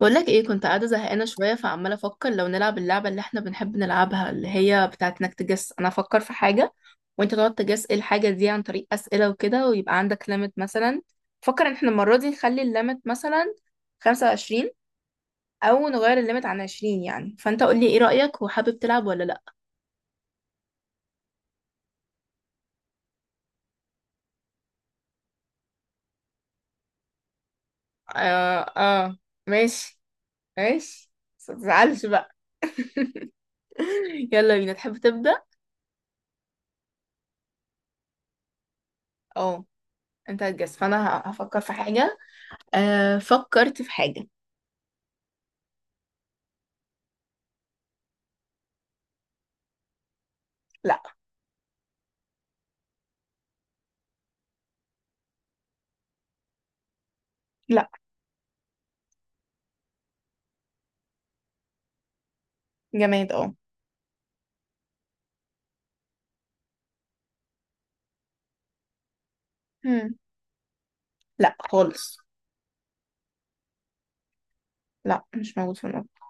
بقول لك ايه؟ كنت قاعده زهقانه شويه، فعماله افكر لو نلعب اللعبه اللي احنا بنحب نلعبها، اللي هي بتاعه انك تجس. انا افكر في حاجه وانت تقعد تجس ايه الحاجه دي عن طريق اسئله وكده، ويبقى عندك ليميت مثلا. فكر ان احنا المره دي نخلي الليميت مثلا 25، او نغير الليميت عن 20 يعني. فانت قول لي ايه رايك، وحابب تلعب ولا لا؟ اه اه، ماشي ماشي، بس متزعلش بقى. يلا بينا، تحب تبدا؟ اه، انت هتجس فانا هفكر في حاجه. فكرت في حاجه. لا. جماد اه. مم. لا خالص. لا، مش موجود في المطبخ.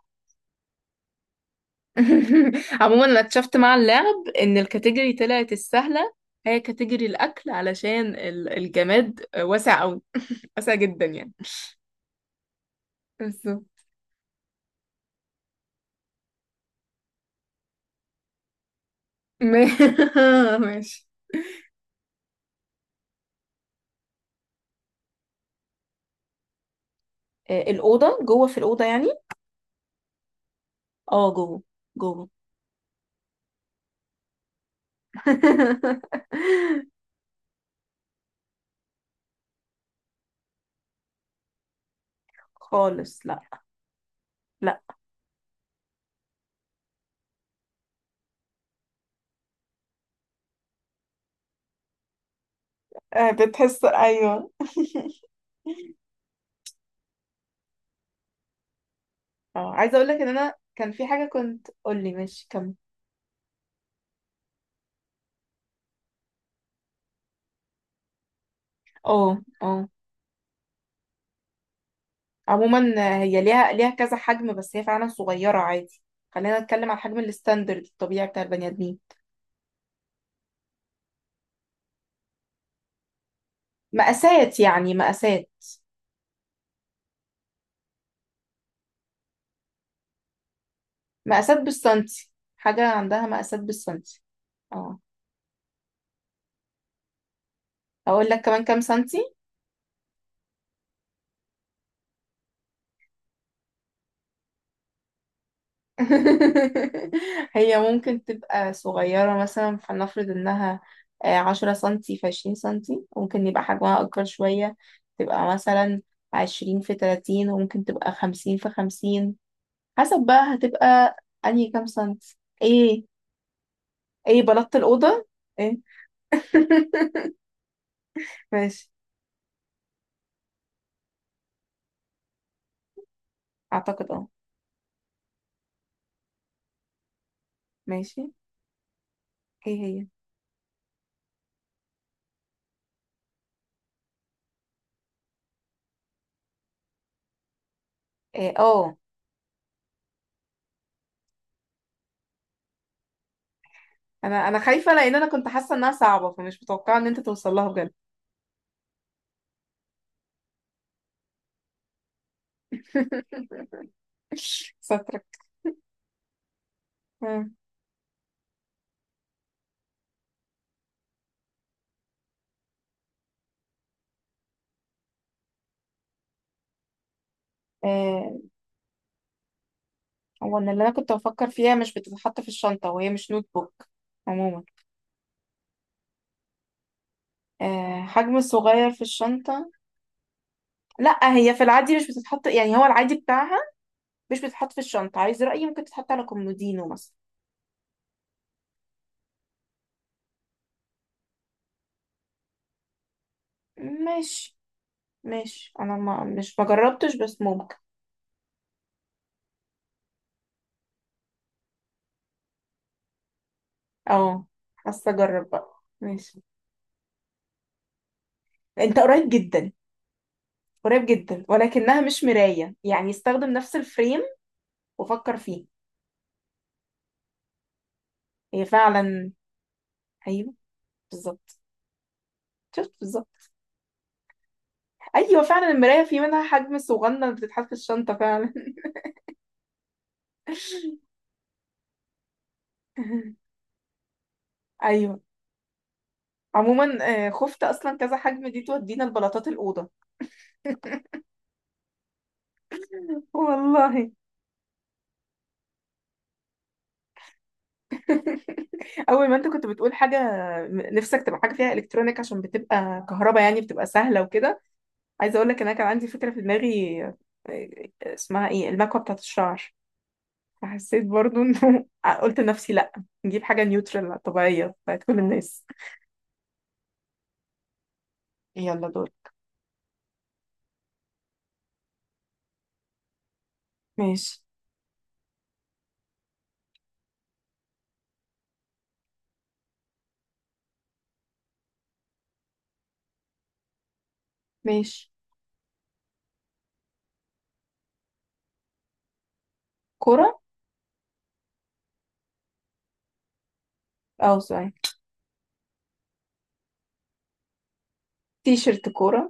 عموما انا اكتشفت مع اللعب ان الكاتيجوري طلعت السهله، هي كاتيجوري الاكل، علشان الجماد واسع قوي. واسع جدا يعني. بالظبط. ماشي. الأوضة، جوه في الأوضة يعني. اه، جوه. جوه. خالص لا. لا. بتحس، ايوه. اه عايزه اقول لك ان انا كان في حاجه كنت قول لي ماشي كمل. اه اه. عموما هي ليها كذا حجم، بس هي فعلا صغيرة عادي. خلينا نتكلم على الحجم الستاندرد الطبيعي بتاع البني آدمين. مقاسات يعني مقاسات. مقاسات بالسنتي. حاجة عندها مقاسات بالسنتي. اه، أقول لك كمان كام سنتي؟ هي ممكن تبقى صغيرة مثلا، فلنفرض إنها 10 سنتي في 20 سنتي. ممكن يبقى حجمها أكبر شوية، تبقى مثلا 20 في 30. وممكن تبقى 50 في 50، حسب. بقى هتبقى انهي كام سنت؟ ايه؟ ايه؟ بلطت الأوضة؟ ايه؟ ماشي. اعتقد اه. ماشي. ايه هي؟ ايه؟ اه. انا خايفة، لان انا كنت حاسة انها صعبة فمش متوقعة ان انت توصل لها بجد. سترك. آه. آه، هو ان اللي انا كنت بفكر فيها مش بتتحط في الشنطة، وهي مش نوت بوك. عموما حجم صغير في الشنطة. لا، هي في العادي مش بتتحط يعني، هو العادي بتاعها مش بتتحط في الشنطة. عايز رأيي؟ ممكن تتحط على كومودينو مثلا. ماشي. ماشي، انا ما جربتش، بس ممكن. اه حاسه اجرب بقى، ماشي. انت قريب جدا. قريب جدا، ولكنها مش مرايه يعني. استخدم نفس الفريم وفكر فيه. هي فعلا. ايوه. بالظبط. شفت؟ بالظبط. ايوه فعلا، المرايه في منها حجم صغنن بتتحط في الشنطه فعلا. ايوه. عموما خفت اصلا كذا حجم دي تودينا لبلاطات الاوضه. والله. اول ما انت كنت بتقول حاجه نفسك تبقى حاجه فيها الكترونيك، عشان بتبقى كهرباء يعني بتبقى سهله وكده. عايزه اقول لك ان انا كان عندي فكره في دماغي، اسمها ايه، المكوه بتاعت الشعر. فحسيت برضو انه قلت لنفسي لا، نجيب حاجه نيوترال طبيعيه بتاعت كل الناس. يلا دول. ماشي. ماشي. كوره. اه، سوري. تي شيرت كوره.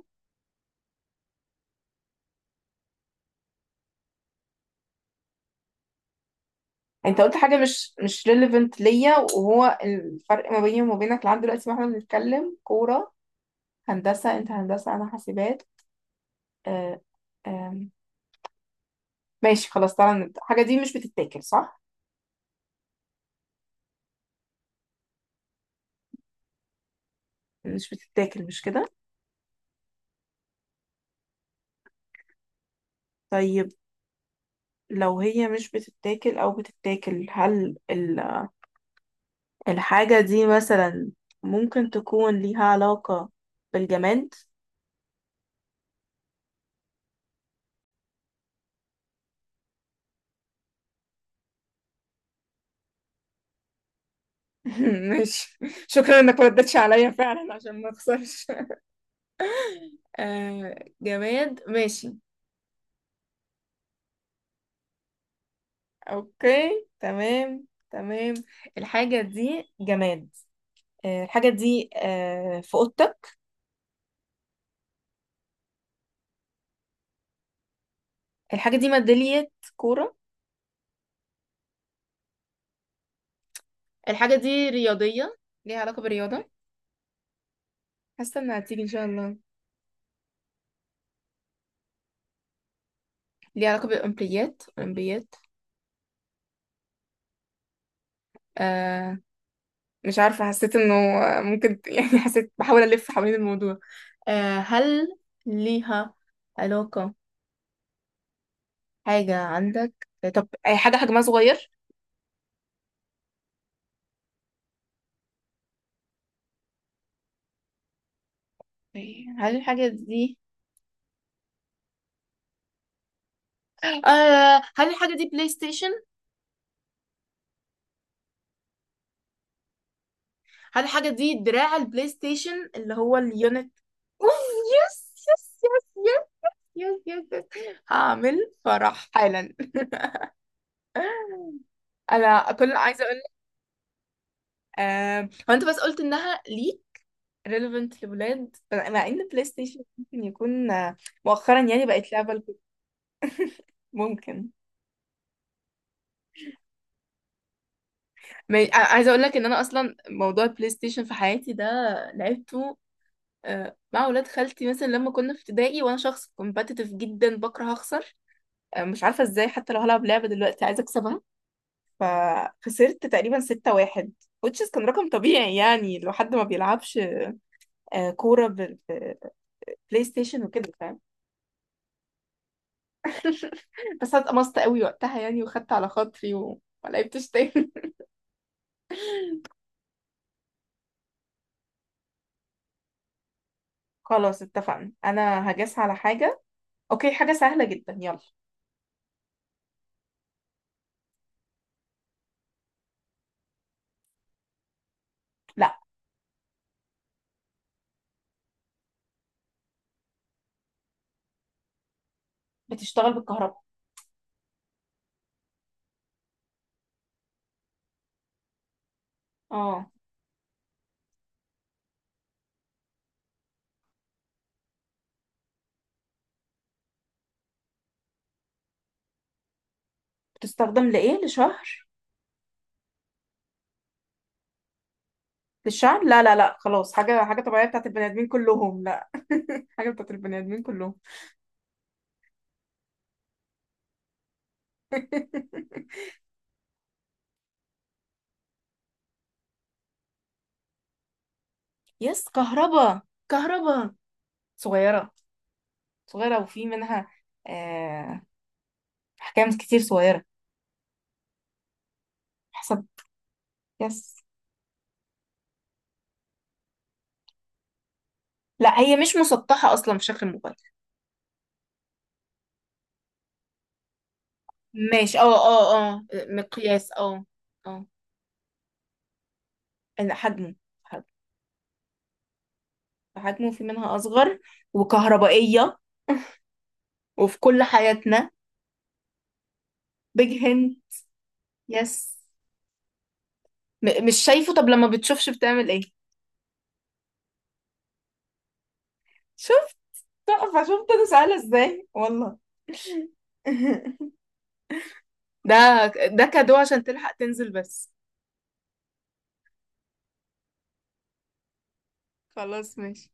انت قلت حاجه مش ريليفنت ليا، وهو الفرق ما بيني وما بينك لحد دلوقتي ما احنا بنتكلم، كوره. هندسه؟ انت هندسه، انا حاسبات. آه. آه. ماشي خلاص، تعالى نبدأ. الحاجة دي مش بتتاكل، صح؟ مش بتتاكل، مش كده؟ طيب. لو هي مش بتتاكل أو بتتاكل، هل الحاجة دي مثلا ممكن تكون ليها علاقة بالجماد؟ ماشي. شكرا انك ما ردتش عليا فعلا عشان ما اخسرش. آه، جماد، ماشي. اوكي، تمام. تمام. الحاجة دي جماد. الحاجة دي في اوضتك. الحاجة دي ميدالية. كورة. الحاجة دي رياضية. ليها علاقة بالرياضة. حاسة انها هتيجي ان شاء الله. ليها علاقة بالأولمبيات؟ أولمبيات. آه. مش عارفة، حسيت انه ممكن. يعني حسيت بحاول ألف حوالين الموضوع. هل ليها علاقة، حاجة عندك؟ طب أي حاجة حجمها صغير. هل الحاجة دي هل الحاجة دي بلاي ستيشن؟ هل الحاجة دي دراع البلاي ستيشن اللي هو اليونت؟ أوف. يس يس يس يس. يس يس يس. هعمل فرح حالا. انا كل اللي عايزه اقول لك، هو انت بس قلت انها ليه relevant لولاد، مع ان بلاي ستيشن ممكن يكون مؤخرا يعني بقت لعبه ممكن. عايزه اقول لك ان انا اصلا موضوع البلاي ستيشن في حياتي ده لعبته مع ولاد خالتي مثلا لما كنا في ابتدائي، وانا شخص كومبتيتيف جدا بكره اخسر. مش عارفه ازاي، حتى لو هلعب لعبه دلوقتي عايزه اكسبها. فخسرت تقريبا 6 واحد، which is كان رقم طبيعي يعني لو حد ما بيلعبش كورة بلاي ستيشن وكده، فاهم؟ بس اتقمصت قوي وقتها يعني، وخدت على خاطري و ما لعبتش تاني. خلاص اتفقنا، انا هجاس على حاجة. اوكي، حاجة سهلة جدا، يلا. لا. بتشتغل بالكهرباء. اه. بتستخدم لايه، لشهر؟ للشعر؟ لا لا لا، خلاص. حاجة طبيعية بتاعت البني ادمين كلهم. لا. حاجة بتاعت البني ادمين كلهم. يس، كهرباء. كهرباء. صغيرة. صغيرة، وفي منها آه... أحكام كتير صغيرة. حسب. يس. لا، هي مش مسطحة أصلا في شكل الموبايل. ماشي، اه اه اه، مقياس، اه. اه. أنا حجمه. حجمه. في منها أصغر. وكهربائية. وفي كل حياتنا. بيج هند. يس. مش شايفه؟ طب لما بتشوفش بتعمل ايه؟ شفت. تحفة. شفت أنا سهلة ازاي والله. ده ده كادو عشان تلحق تنزل بس. خلاص، ماشي.